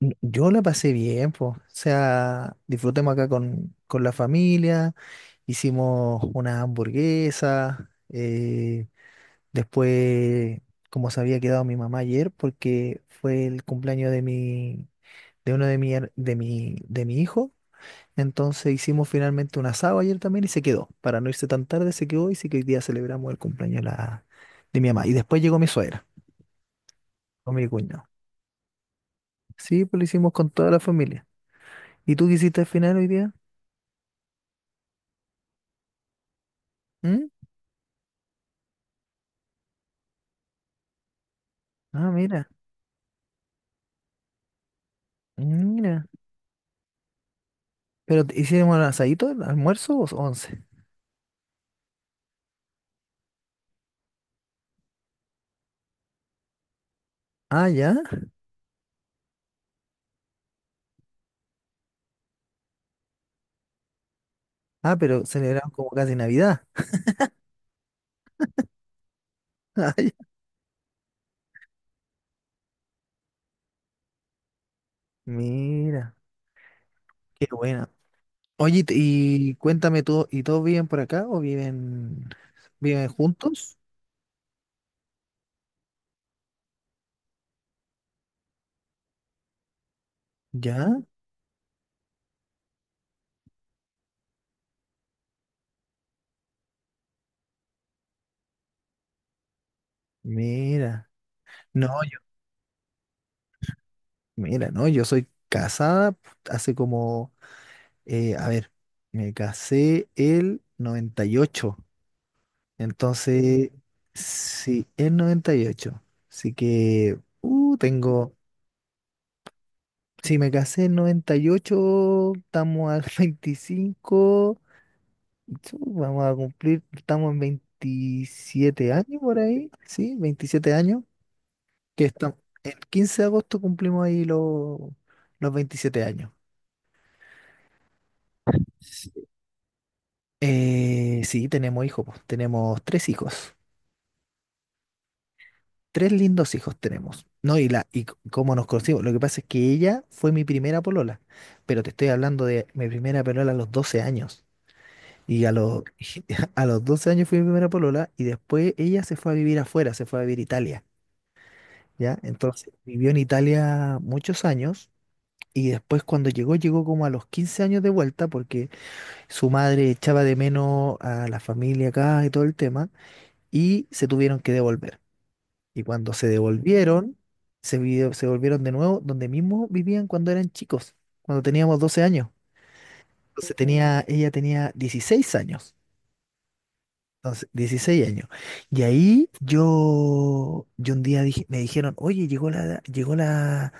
Yo la pasé bien, pues. O sea, disfrutemos acá con la familia, hicimos una hamburguesa, después, como se había quedado mi mamá ayer, porque fue el cumpleaños de uno de mi, her- de mi hijo, entonces hicimos finalmente un asado ayer también y se quedó. Para no irse tan tarde, se quedó y sí que hoy día celebramos el cumpleaños de mi mamá. Y después llegó mi suegra, con mi cuñado. Sí, pues lo hicimos con toda la familia. ¿Y tú qué hiciste al final hoy día? ¿Mm? Ah, mira, mira. Pero hicieron un asadito, el almuerzo o once. Ah, ya. Ah, pero celebraron como casi Navidad. Ay, mira, qué buena. Oye, y cuéntame tú, ¿y todos viven por acá o viven juntos? Ya, mira. No, yo, mira, no, yo soy casada hace como, a ver, me casé el 98. Entonces, sí, en 98. Así que, si me casé en 98 estamos al 25 chu, vamos a cumplir, estamos en 27 años por ahí, sí, 27 años, que estamos, el 15 de agosto cumplimos ahí los 27 años. Sí, tenemos hijos, pues, tenemos tres hijos. Tres lindos hijos tenemos, ¿no? Cómo nos conocimos. Lo que pasa es que ella fue mi primera polola, pero te estoy hablando de mi primera polola a los 12 años. Y a los 12 años fui mi primera polola y después ella se fue a vivir afuera, se fue a vivir a Italia, ¿ya? Entonces vivió en Italia muchos años y después cuando llegó, llegó como a los 15 años de vuelta porque su madre echaba de menos a la familia acá y todo el tema y se tuvieron que devolver. Y cuando se devolvieron, se volvieron de nuevo donde mismo vivían cuando eran chicos, cuando teníamos 12 años. Entonces tenía, ella tenía 16 años. Entonces, 16 años. Y ahí yo un día dije, me dijeron, oye,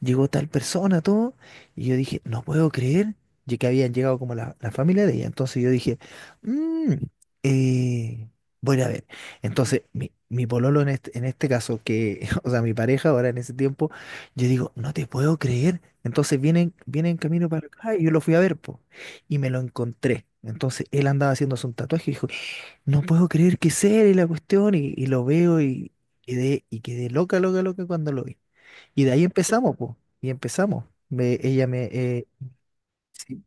llegó tal persona, todo. Y yo dije, no puedo creer ya que habían llegado como la familia de ella. Entonces yo dije, "Mm, eh, voy a ir a ver. Entonces, mi pololo en en este caso, que, o sea, mi pareja ahora en ese tiempo, yo digo, no te puedo creer. Entonces vienen camino para acá y yo lo fui a ver, po, y me lo encontré. Entonces él andaba haciéndose un tatuaje y dijo, no puedo creer que sea y la cuestión, y lo veo y y quedé loca, loca, loca cuando lo vi. Y de ahí empezamos, pues, y empezamos. Sí,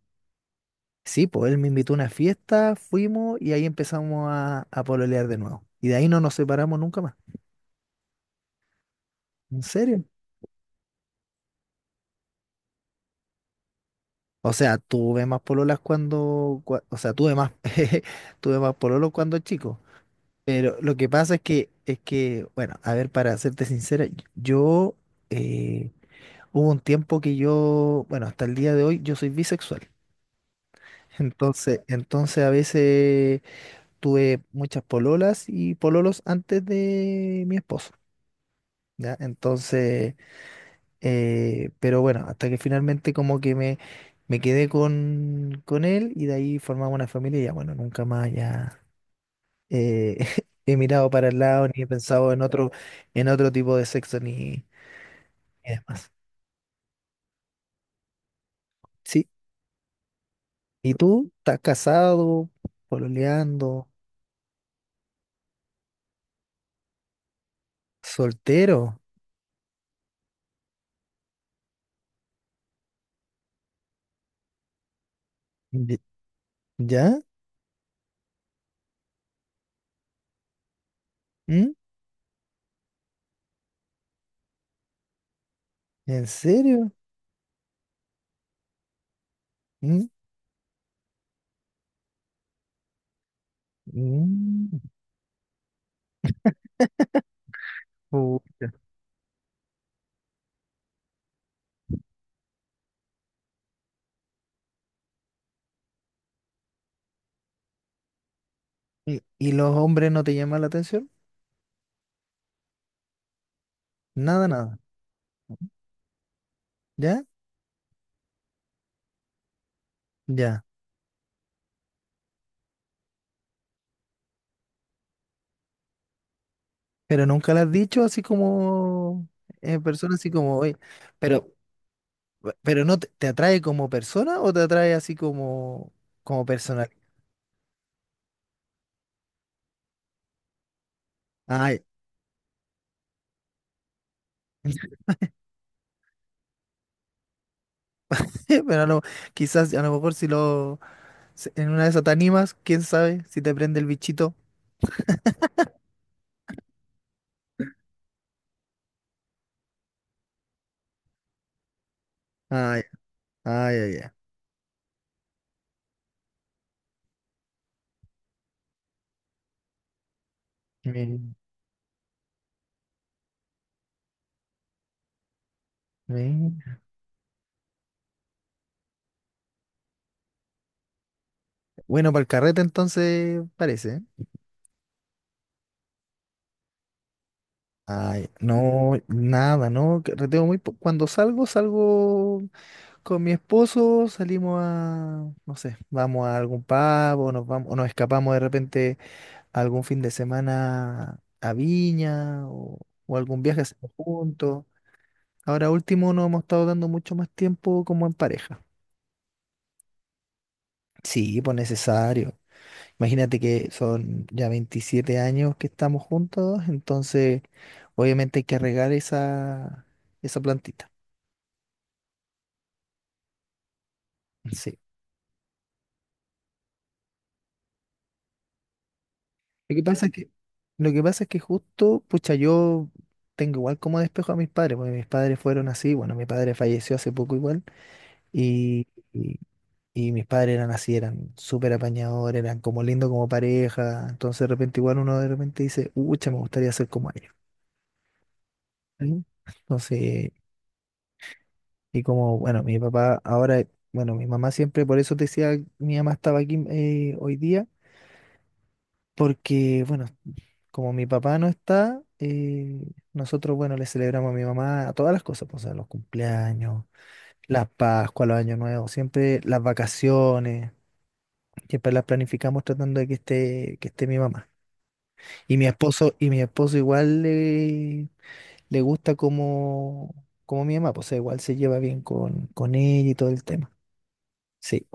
sí, pues él me invitó a una fiesta, fuimos y ahí empezamos a pololear de nuevo. Y de ahí no nos separamos nunca más. ¿En serio? O sea, tuve más pololas o sea, tuve más, tuve más pololos cuando chico. Pero lo que pasa es es que, bueno, a ver, para serte sincera, yo... eh, hubo un tiempo que yo, bueno, hasta el día de hoy yo soy bisexual. Entonces a veces tuve muchas pololas y pololos antes de mi esposo, ¿ya? Entonces, pero bueno, hasta que finalmente como que me quedé con él y de ahí formamos una familia y ya, bueno, nunca más ya eh, he mirado para el lado ni he pensado en otro tipo de sexo ni, ni demás. Sí. ¿Y tú? ¿Estás casado? ¿Pololeando? Soltero. Ye- ¿Ya? ¿Mm? ¿En serio? ¿Mm? Mm. Pu- y los hombres no te llaman la atención? Nada, nada. ¿Ya? Ya. Pero nunca lo has dicho así como en persona, así como hoy. Pero, pero no te atrae como persona o te atrae así como, como personal. Ay, pero quizás a lo mejor si lo si- en una de esas te animas, quién sabe si te prende el bichito. Ay, ay, ay, ay. Mi- mi- Bueno, para el carrete entonces parece. Ay, no, nada, no, carreteo muy cuando salgo, salgo con mi esposo, salimos a, no sé, vamos a algún pub o nos vamos, o nos escapamos de repente algún fin de semana a Viña o algún viaje hacemos juntos. Ahora último nos hemos estado dando mucho más tiempo como en pareja. Sí, pues necesario. Imagínate que son ya 27 años que estamos juntos, entonces obviamente hay que regar esa, esa plantita. Sí. Lo que pasa es que, lo que pasa es que justo, pucha, yo tengo igual como despejo a mis padres, porque mis padres fueron así, bueno, mi padre falleció hace poco igual, y, y, y mis padres eran así, eran súper apañadores, eran como lindos como pareja, entonces de repente igual uno de repente dice, ucha, me gustaría ser como ellos. ¿Sí? Entonces. Y como, bueno, mi papá ahora, bueno, mi mamá siempre, por eso te decía, mi mamá estaba aquí hoy día, porque, bueno, como mi papá no está, nosotros, bueno, le celebramos a mi mamá a todas las cosas, pues, a los cumpleaños, las Pascuas, los Años Nuevos, siempre las vacaciones, siempre las planificamos tratando de que esté mi mamá. Y mi esposo igual le gusta como, como mi mamá, pues, o sea, igual se lleva bien con ella y todo el tema. Sí.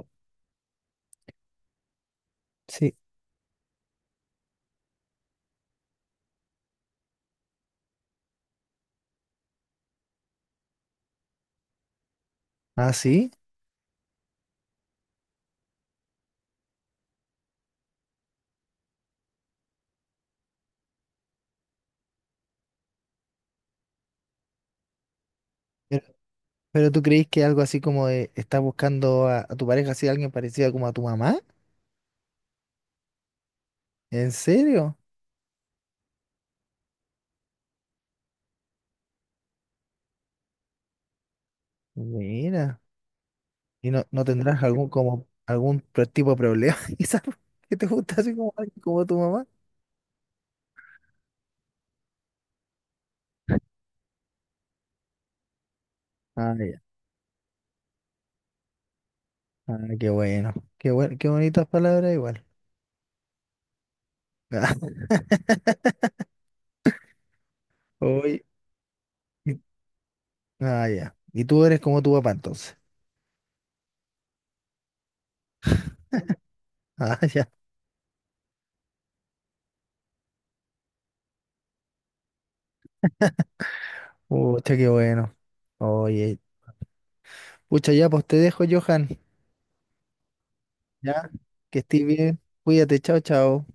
Sí, ah, sí. Pero, pero tú crees que algo así como de estás buscando a tu pareja, así alguien parecida como a tu mamá? ¿En serio? Mira. ¿Y no, no tendrás algún como algún tipo de problema quizás que te gusta así como alguien como tu mamá? Ah, ya. Ah, qué bueno. Qué bueno, qué bonitas palabras igual. Ah, oye, y- ah, ya. Y tú eres como tu papá entonces. Ah, ya. Pucha, qué bueno. Oye. Pucha, ya, pues te dejo, Johan. Ya. Que estés bien. Cuídate, chao, chao.